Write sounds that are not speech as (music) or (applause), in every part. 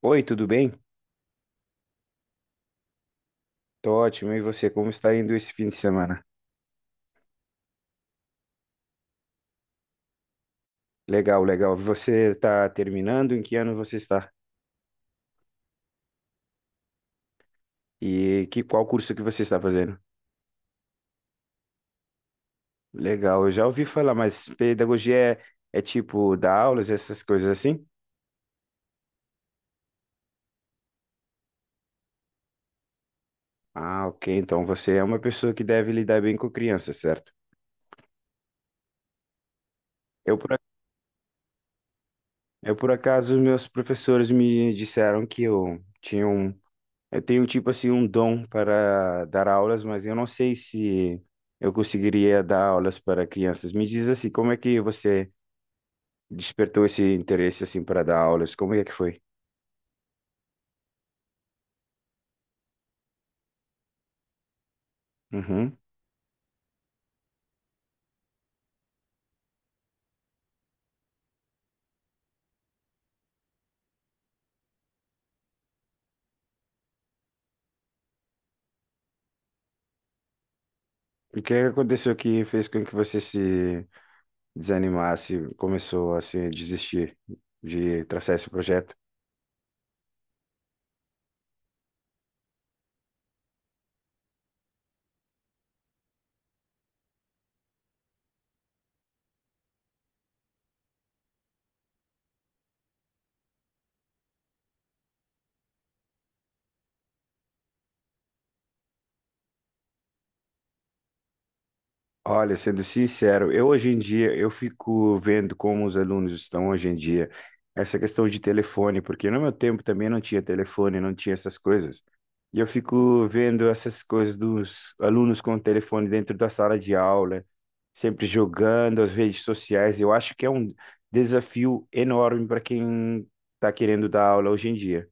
Oi, tudo bem? Tô ótimo. E você, como está indo esse fim de semana? Legal, legal. Você está terminando? Em que ano você está? E que qual curso que você está fazendo? Legal, eu já ouvi falar, mas pedagogia é tipo dar aulas, essas coisas assim? Ah, ok. Então você é uma pessoa que deve lidar bem com crianças, certo? Eu por, ac- eu por acaso, meus professores me disseram que eu tinha um eu tenho, tipo assim, um dom para dar aulas, mas eu não sei se eu conseguiria dar aulas para crianças. Me diz assim, como é que você despertou esse interesse, assim, para dar aulas? Como é que foi? Uhum. E o que aconteceu que fez com que você se desanimasse, começou, assim, a desistir de traçar esse projeto? Olha, sendo sincero, eu hoje em dia eu fico vendo como os alunos estão hoje em dia, essa questão de telefone, porque no meu tempo também não tinha telefone, não tinha essas coisas. E eu fico vendo essas coisas dos alunos com o telefone dentro da sala de aula, sempre jogando as redes sociais. Eu acho que é um desafio enorme para quem está querendo dar aula hoje em dia.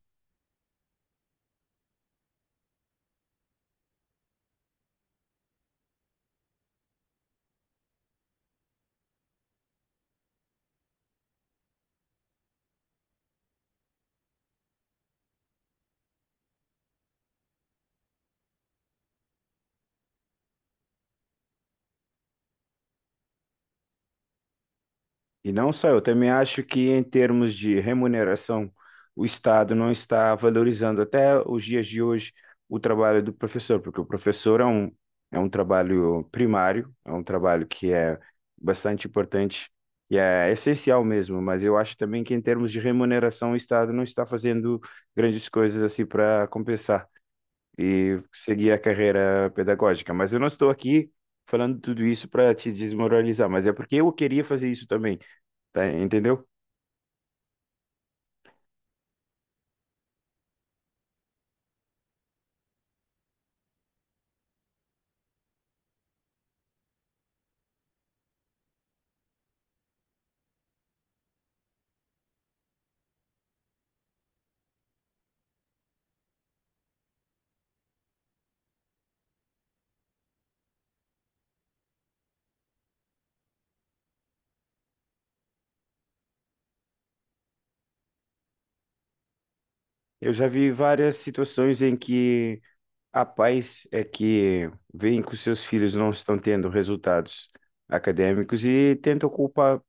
E não só, eu também acho que em termos de remuneração, o Estado não está valorizando até os dias de hoje o trabalho do professor, porque o professor é um trabalho primário, é um trabalho que é bastante importante e é essencial mesmo, mas eu acho também que em termos de remuneração o Estado não está fazendo grandes coisas assim para compensar e seguir a carreira pedagógica. Mas eu não estou aqui falando tudo isso para te desmoralizar, mas é porque eu queria fazer isso também, tá? Entendeu? Eu já vi várias situações em que a pais é que veem que os seus filhos não estão tendo resultados acadêmicos e tentam culpar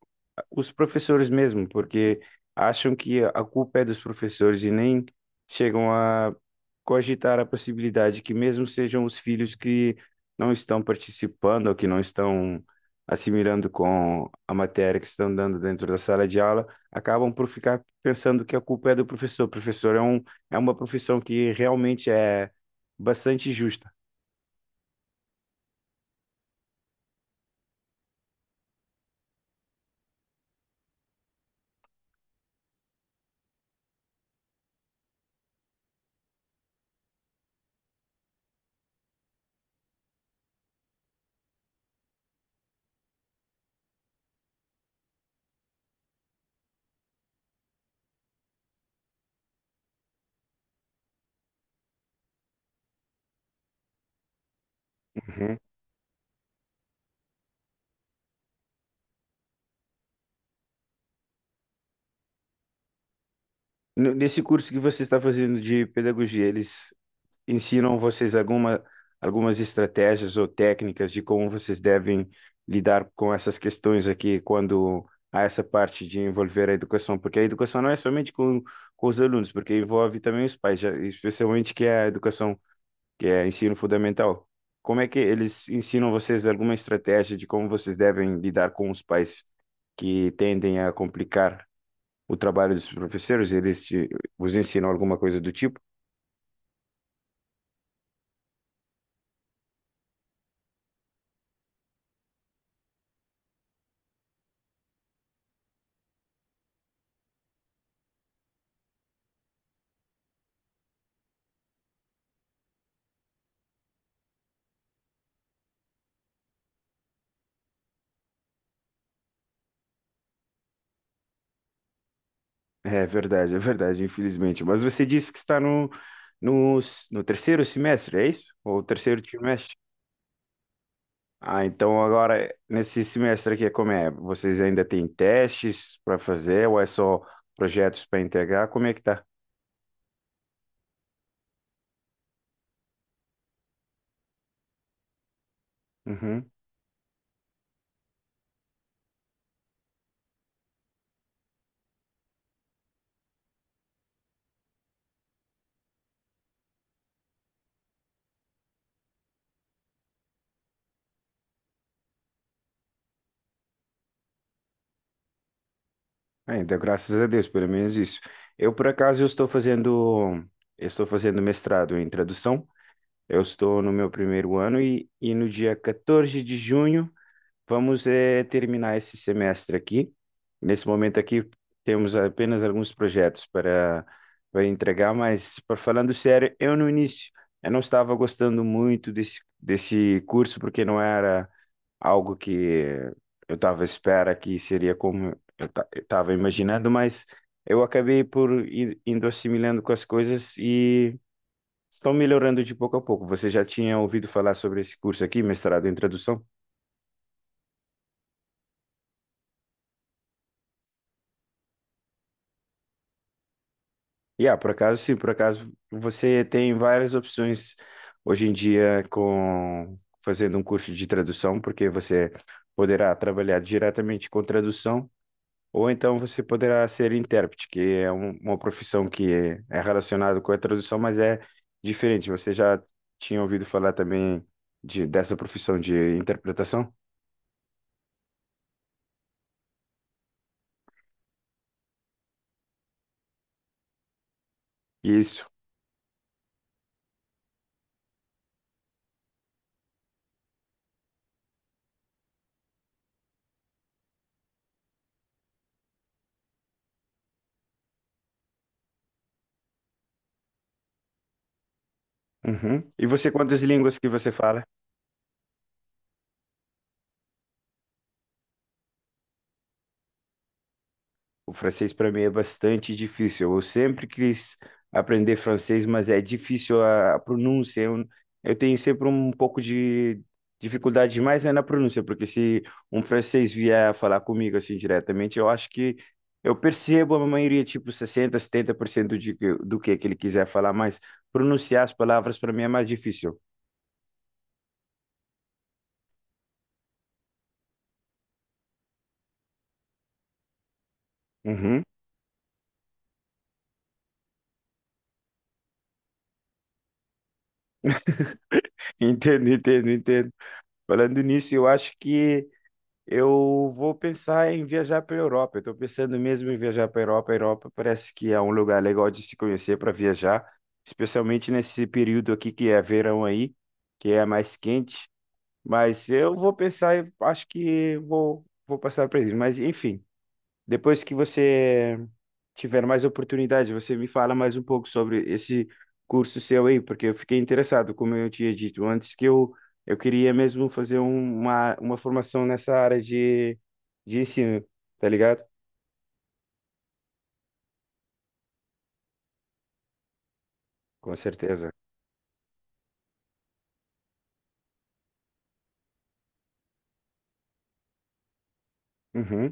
os professores mesmo, porque acham que a culpa é dos professores e nem chegam a cogitar a possibilidade que mesmo sejam os filhos que não estão participando ou que não estão assimilando com a matéria que estão dando dentro da sala de aula, acabam por ficar pensando que a culpa é do professor. O professor é um, é uma profissão que realmente é bastante justa. Uhum. Nesse curso que você está fazendo de pedagogia, eles ensinam vocês alguma, algumas estratégias ou técnicas de como vocês devem lidar com essas questões aqui quando há essa parte de envolver a educação, porque a educação não é somente com os alunos, porque envolve também os pais, já- especialmente que é a educação, que é ensino fundamental. Como é que eles ensinam vocês alguma estratégia de como vocês devem lidar com os pais que tendem a complicar o trabalho dos professores? Eles te, vos ensinam alguma coisa do tipo? É verdade, infelizmente. Mas você disse que está no, no, no terceiro semestre, é isso? Ou terceiro trimestre? Ah, então agora, nesse semestre aqui, como é? Vocês ainda têm testes para fazer ou é só projetos para integrar? Como é que tá? Uhum. Ainda, graças a Deus, pelo menos isso. Eu, por acaso, eu estou fazendo mestrado em tradução. Eu estou no meu primeiro ano e no dia 14 de junho vamos terminar esse semestre aqui. Nesse momento aqui, temos apenas alguns projetos para, para entregar, mas, para falando sério, eu no início eu não estava gostando muito desse, desse curso, porque não era algo que eu estava à espera que seria como eu estava imaginando, mas eu acabei por ir, indo assimilando com as coisas e estão melhorando de pouco a pouco. Você já tinha ouvido falar sobre esse curso aqui, mestrado em tradução? E ah, por acaso, sim, por acaso você tem várias opções hoje em dia com fazendo um curso de tradução, porque você poderá trabalhar diretamente com tradução, ou então você poderá ser intérprete, que uma profissão que é relacionada com a tradução, mas é diferente. Você já tinha ouvido falar também de, dessa profissão de interpretação? Isso. Uhum. E você, quantas línguas que você fala? O francês para mim é bastante difícil. Eu sempre quis aprender francês, mas é difícil a pronúncia. Eu tenho sempre um pouco de dificuldade mais é na pronúncia, porque se um francês vier falar comigo assim diretamente, eu acho que eu percebo a maioria, tipo 60 a 70% de, que- do que ele quiser falar, mas pronunciar as palavras para mim é mais difícil. Uhum. (laughs) Entendo, entendo, entendo. Falando nisso, eu acho que eu vou pensar em viajar para a Europa. Eu estou pensando mesmo em viajar para a Europa. A Europa parece que é um lugar legal de se conhecer para viajar, especialmente nesse período aqui que é verão aí, que é mais quente. Mas eu vou pensar, e acho que vou passar para eles. Mas enfim. Depois que você tiver mais oportunidade, você me fala mais um pouco sobre esse curso seu aí, porque eu fiquei interessado, como eu tinha dito antes, que eu queria mesmo fazer uma formação nessa área de ensino, tá ligado? Com certeza. Uhum,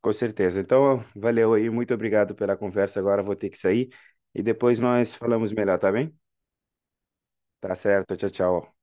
com certeza. Então, valeu aí, muito obrigado pela conversa. Agora vou ter que sair e depois nós falamos melhor, tá bem? Tá certo, tchau, tchau.